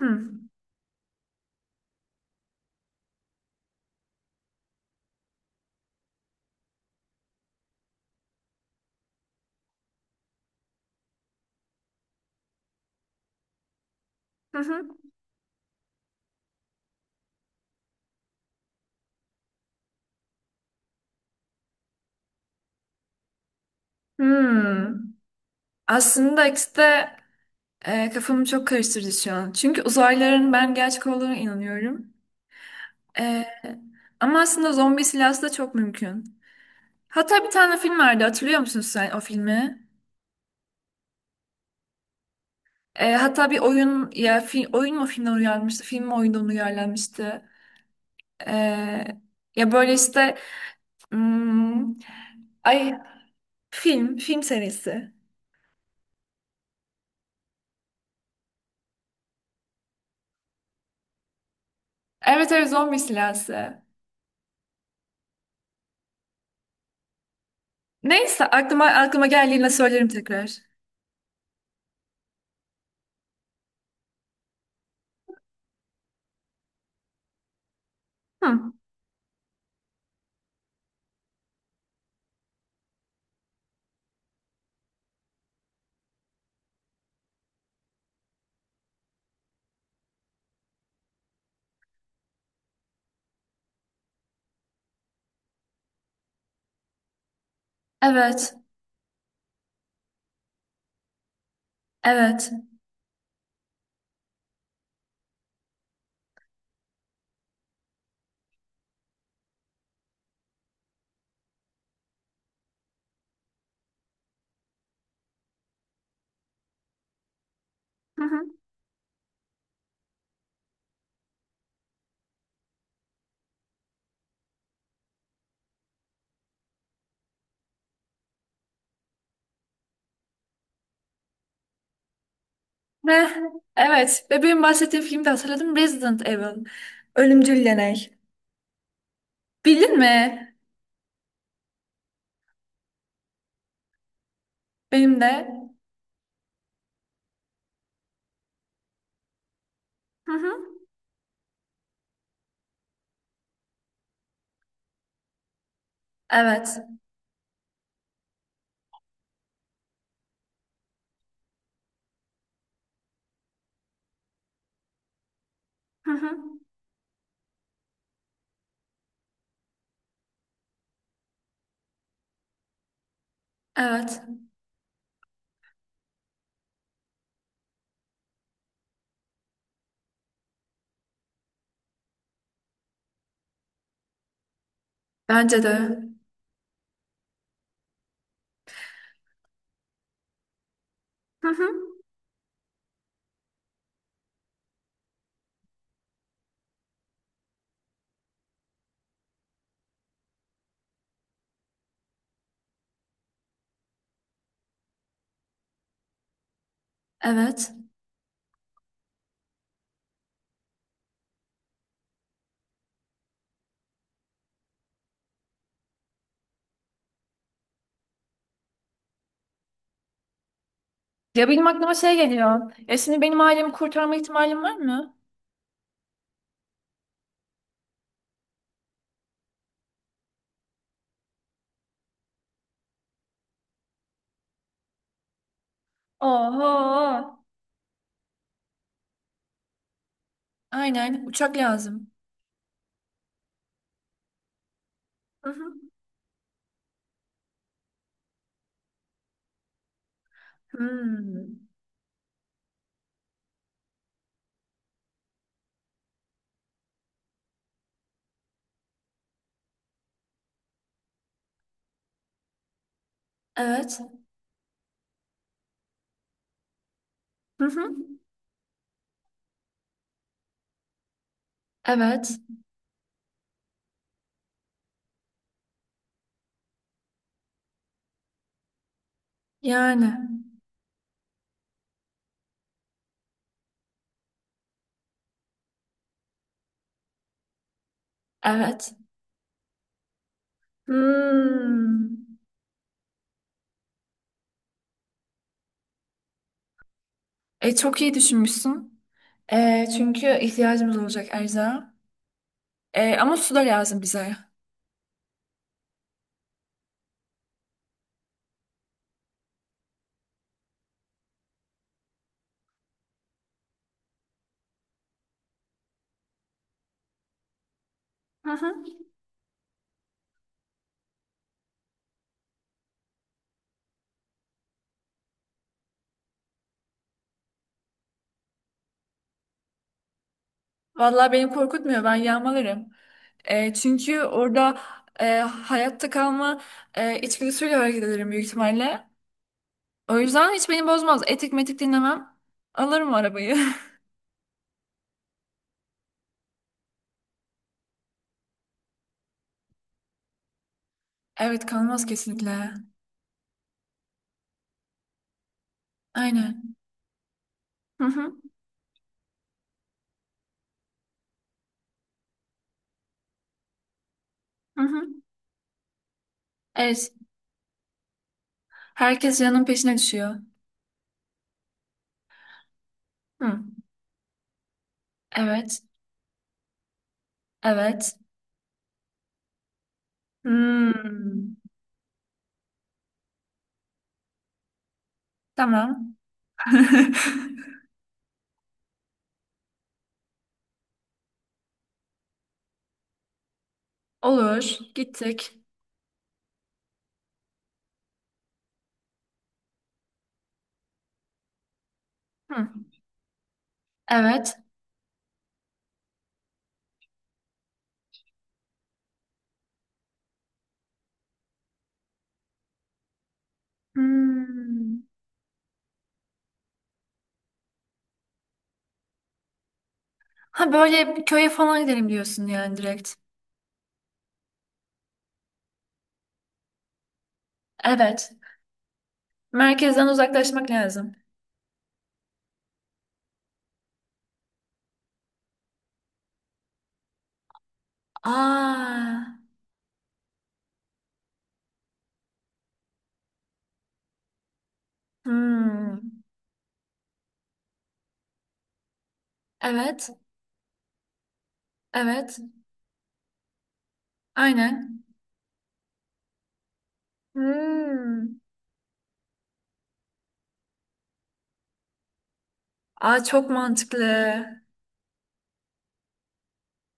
Hı. Hı hı. Hmm. Aslında ikisi de kafamı çok karıştırdı şu an. Çünkü uzaylıların ben gerçek olduğuna inanıyorum. E, ama aslında zombi silahsı da çok mümkün. Hatta bir tane film vardı, hatırlıyor musun sen o filmi? Hatta bir oyun oyun mu filmden uyarlanmıştı? Film mi oyundan uyarlanmıştı? E, ya böyle işte hmm, ay, film serisi. Evet, evet, zombi silahsı. Neyse, aklıma geldiğinde söylerim tekrar. Hı. Evet. Evet. Hı hı. Ve evet. Ve benim bahsettiğim filmde hatırladım. Resident Evil. Ölümcül Deney. Bildin mi? Benim de. Hı hı. Evet. Hı hı. Evet. Bence de. Hı hı. Evet. Ya, benim aklıma şey geliyor. Ya şimdi benim ailemi kurtarma ihtimalim var mı? Oho. Aynen. Uçak lazım. Hı hı. Hmm. Evet. Hı hı. Evet. Yani evet. Hmm. Çok iyi düşünmüşsün. Çünkü ihtiyacımız olacak erzağa. Ama su da lazım bize. Hı hı. Vallahi beni korkutmuyor. Ben yağmalarım. Çünkü orada hayatta kalma içgüdüsüyle hareket ederim büyük ihtimalle. O yüzden hiç beni bozmaz. Etik metik dinlemem. Alırım arabayı. Evet, kalmaz kesinlikle. Aynen. Hı hı. Hı hı. Evet. Herkes canın peşine düşüyor. Hı. Evet. Evet. Hmm, tamam. Olur, gittik. Hı, evet. Hmm. Ha, böyle köye falan gidelim diyorsun yani, direkt. Evet. Merkezden uzaklaşmak lazım. Aa. Hmm. Evet. Evet. Aynen. Hmm. Aa, çok mantıklı.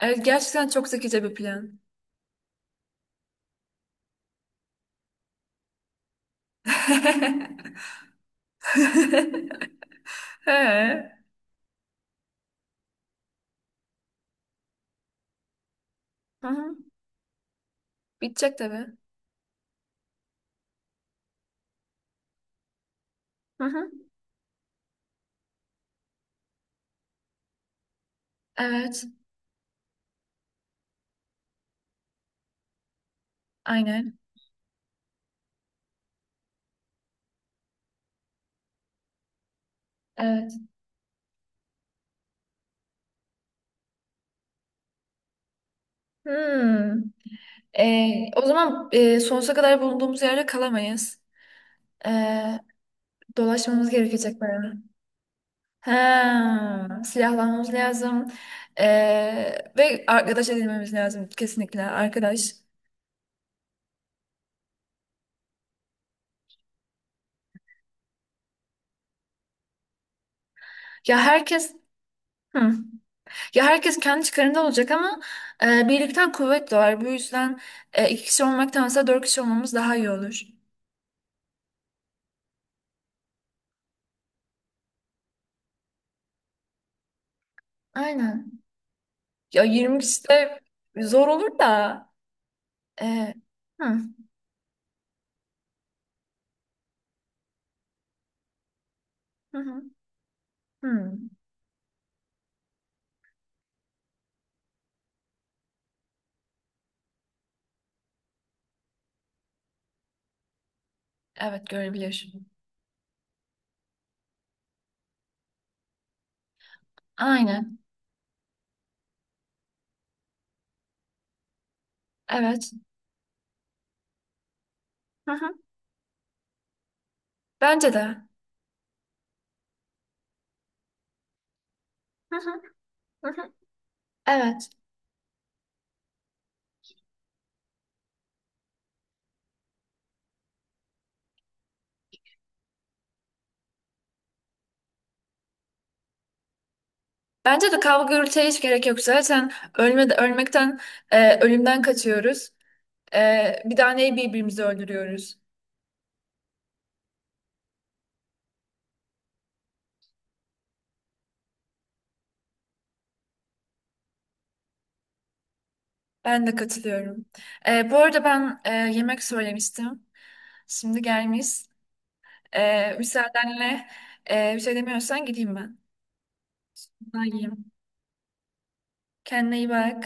Evet, gerçekten çok zekice bir plan. He. Hı hı. Bitecek tabii. Hı hı. Evet. Aynen. Evet. Hmm. O zaman sonsuza kadar bulunduğumuz yerde kalamayız. Ee, dolaşmamız gerekecek bayağı. Ha, silahlanmamız lazım. Ee, ve arkadaş edinmemiz lazım, kesinlikle arkadaş. Ya herkes. Hı. Ya herkes kendi çıkarında olacak, ama birlikten kuvvet doğar. Bu yüzden iki kişi olmaktansa dört kişi olmamız daha iyi olur. Aynen. Ya 20 kişi de zor olur da. e, hı, hı, hı. Hı. Evet, görebiliyor. Aynen. Evet. Hı hı. Bence de. Hı hı, hı hı. Evet. Bence de kavga gürültüye hiç gerek yok. Zaten ölme, ölmekten, ölümden kaçıyoruz. Bir daha neyi birbirimizi öldürüyoruz. Ben de katılıyorum. Bu arada ben yemek söylemiştim. Şimdi gelmiş. Müsaadenle bir şey demiyorsan gideyim ben. Ben yiyeyim. Kendine iyi bak.